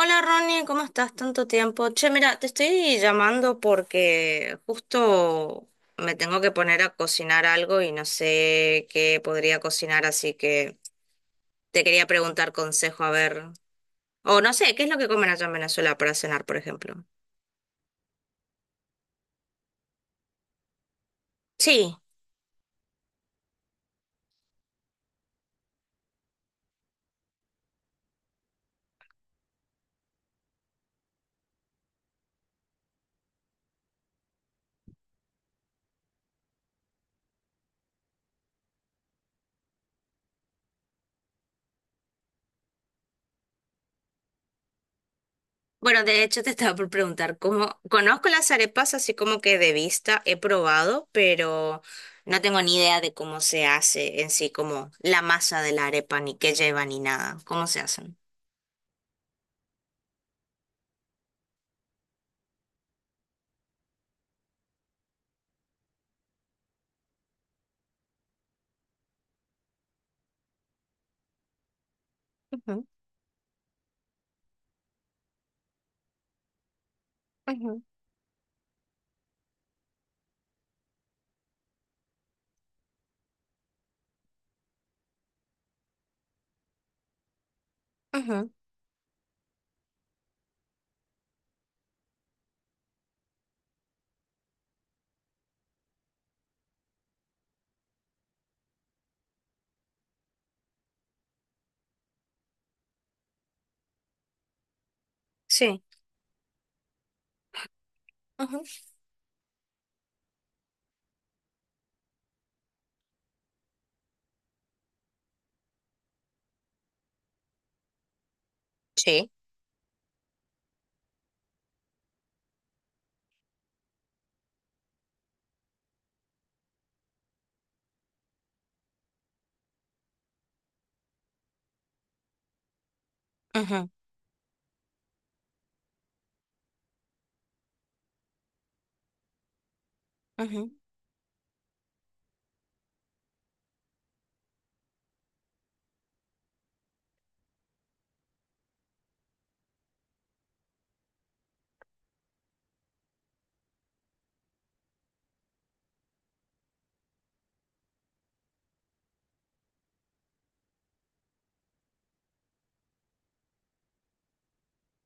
Hola Ronnie, ¿cómo estás? Tanto tiempo. Che, mira, te estoy llamando porque justo me tengo que poner a cocinar algo y no sé qué podría cocinar, así que te quería preguntar consejo, a ver. O no sé, ¿qué es lo que comen allá en Venezuela para cenar, por ejemplo? Sí, bueno, de hecho te estaba por preguntar cómo. Conozco las arepas así como que de vista he probado, pero no tengo ni idea de cómo se hace en sí, como la masa de la arepa, ni qué lleva, ni nada. ¿Cómo se hacen? Ujú, ujú, sí, ujú, sí, ujú, ujú,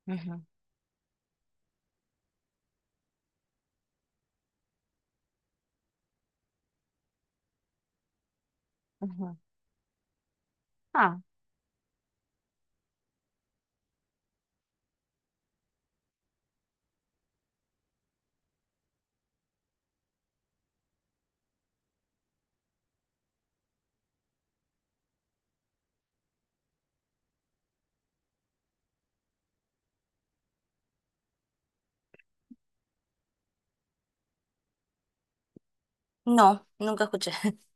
ujú, ujú. Ah, no, nunca escuché.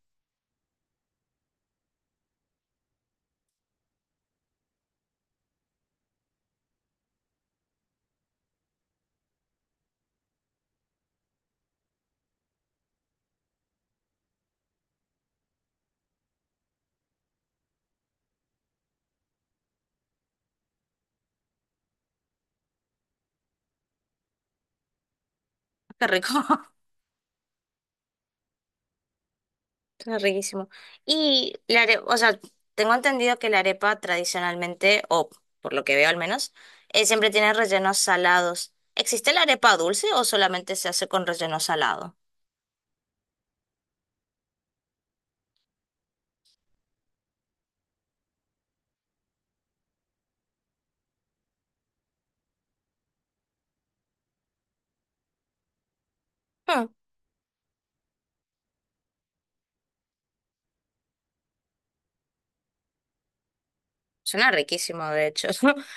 Qué rico, está riquísimo. Y la arepa, o sea, tengo entendido que la arepa tradicionalmente, o por lo que veo al menos, siempre tiene rellenos salados. ¿Existe la arepa dulce o solamente se hace con relleno salado? Hmm, suena riquísimo, de hecho.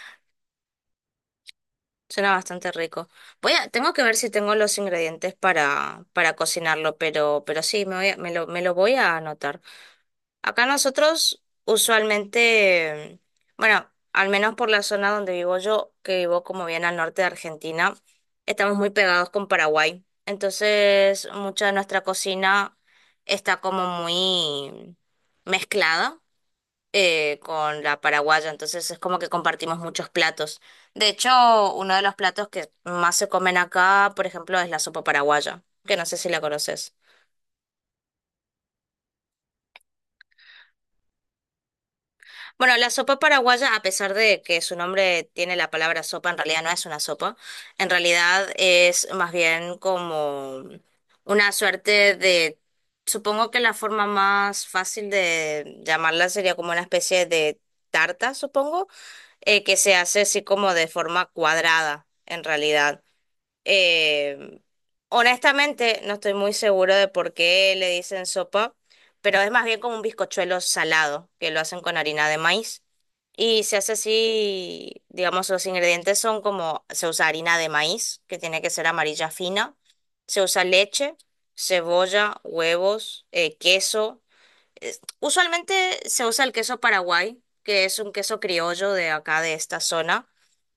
Suena bastante rico. Voy a, tengo que ver si tengo los ingredientes para cocinarlo, pero sí, me lo voy a anotar. Acá nosotros usualmente, bueno, al menos por la zona donde vivo yo, que vivo como bien al norte de Argentina, estamos muy pegados con Paraguay. Entonces, mucha de nuestra cocina está como muy mezclada con la paraguaya, entonces es como que compartimos muchos platos. De hecho, uno de los platos que más se comen acá, por ejemplo, es la sopa paraguaya, que no sé si la conoces. Bueno, la sopa paraguaya, a pesar de que su nombre tiene la palabra sopa, en realidad no es una sopa, en realidad es más bien como una suerte de... Supongo que la forma más fácil de llamarla sería como una especie de tarta, supongo, que se hace así como de forma cuadrada, en realidad. Eh, Honestamente, no estoy muy seguro de por qué le dicen sopa, pero es más bien como un bizcochuelo salado, que lo hacen con harina de maíz. Y se hace así, digamos, los ingredientes son como, se usa harina de maíz, que tiene que ser amarilla fina, se usa leche, cebolla, huevos, queso usualmente se usa el queso Paraguay, que es un queso criollo de acá, de esta zona,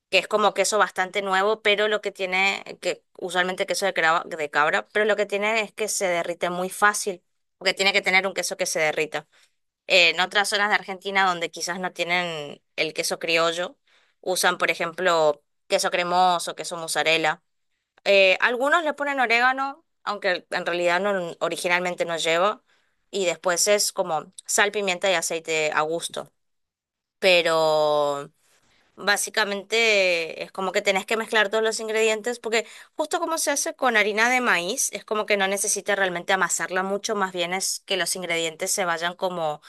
que es como queso bastante nuevo, pero lo que tiene, que usualmente queso de cabra, pero lo que tiene es que se derrite muy fácil, porque tiene que tener un queso que se derrita. En otras zonas de Argentina donde quizás no tienen el queso criollo, usan, por ejemplo, queso cremoso, queso mozzarella. Algunos le ponen orégano, aunque en realidad no, originalmente no lleva, y después es como sal, pimienta y aceite a gusto. Pero básicamente es como que tenés que mezclar todos los ingredientes, porque justo como se hace con harina de maíz, es como que no necesitas realmente amasarla mucho, más bien es que los ingredientes se vayan como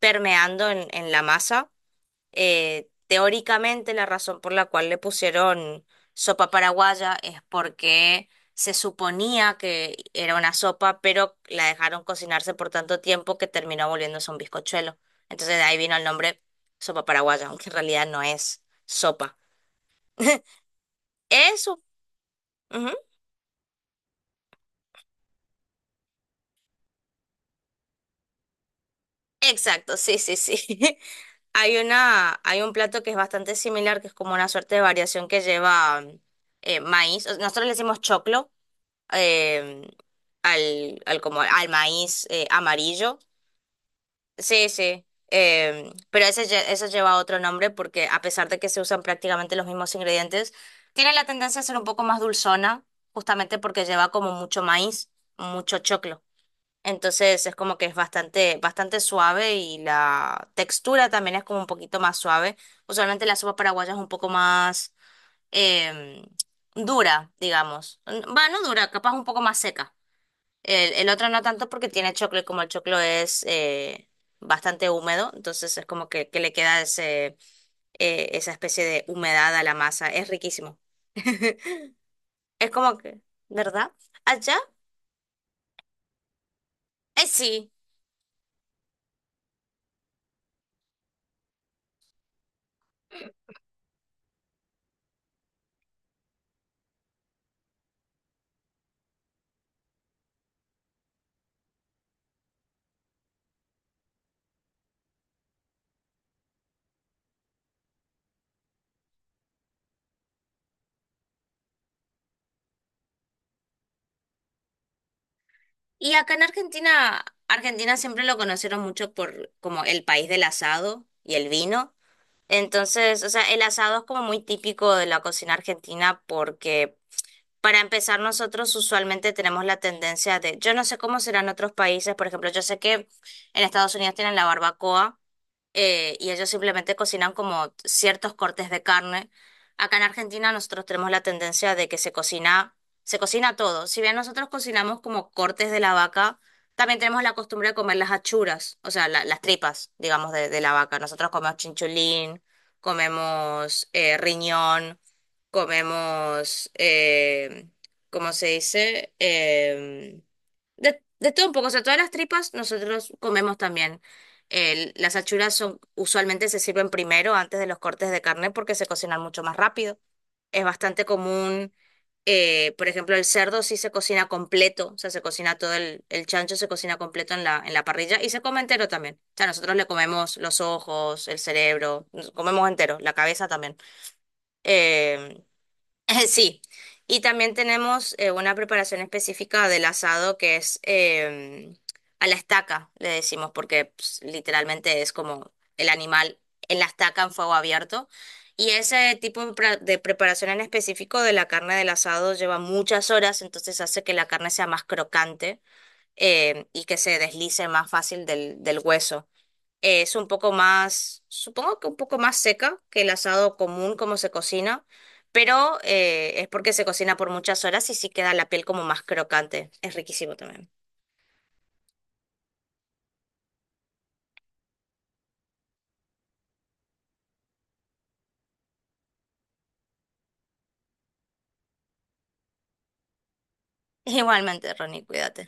permeando en la masa. Teóricamente la razón por la cual le pusieron sopa paraguaya es porque se suponía que era una sopa, pero la dejaron cocinarse por tanto tiempo que terminó volviéndose un bizcochuelo. Entonces de ahí vino el nombre sopa paraguaya, aunque en realidad no es sopa. Eso. Ujú. Exacto, sí, sí, sí. Hay una, hay un plato que es bastante similar, que es como una suerte de variación que lleva maíz. Nosotros le decimos choclo, eh, al, al, como al maíz, amarillo. Sí, sí. Pero ese, ese lleva otro nombre porque a pesar de que se usan prácticamente los mismos ingredientes, tiene la tendencia a ser un poco más dulzona, justamente porque lleva como mucho maíz, mucho choclo. Entonces es como que es bastante, bastante suave y la textura también es como un poquito más suave. Usualmente la sopa paraguaya es un poco más em, dura, digamos. No dura, capaz un poco más seca. El otro no tanto porque tiene choclo y como el choclo es bastante húmedo, entonces es como que le queda ese, esa especie de humedad a la masa. Es riquísimo. Es como que, ¿verdad? Allá, sí. Y acá en Argentina, Argentina siempre lo conocieron mucho por como el país del asado y el vino. Entonces, o sea, el asado es como muy típico de la cocina argentina porque para empezar, nosotros usualmente tenemos la tendencia de, yo no sé cómo serán otros países, por ejemplo, yo sé que en Estados Unidos tienen la barbacoa, y ellos simplemente cocinan como ciertos cortes de carne. Acá en Argentina nosotros tenemos la tendencia de que se cocina todo. Si bien nosotros cocinamos como cortes de la vaca, también tenemos la costumbre de comer las achuras, o sea, las tripas, digamos, de la vaca. Nosotros comemos chinchulín, comemos riñón, comemos, ¿cómo se dice? Em, de todo un poco, o sea, todas las tripas nosotros comemos también. Las achuras son, usualmente se sirven primero antes de los cortes de carne porque se cocinan mucho más rápido. Es bastante común, por ejemplo, el cerdo sí se cocina completo, o sea, se cocina todo el chancho se cocina completo en la parrilla y se come entero también. O sea, nosotros le comemos los ojos, el cerebro, nos comemos entero, la cabeza también. Eh, sí, y también tenemos una preparación específica del asado que es a la estaca, le decimos, porque pues, literalmente es como el animal en la estaca en fuego abierto. Y ese tipo de de preparación en específico de la carne del asado lleva muchas horas, entonces hace que la carne sea más crocante, y que se deslice más fácil del, del hueso. Es un poco más, supongo que un poco más seca que el asado común como se cocina, pero es porque se cocina por muchas horas y sí queda la piel como más crocante. Es riquísimo también. Igualmente, Ronnie, cuídate.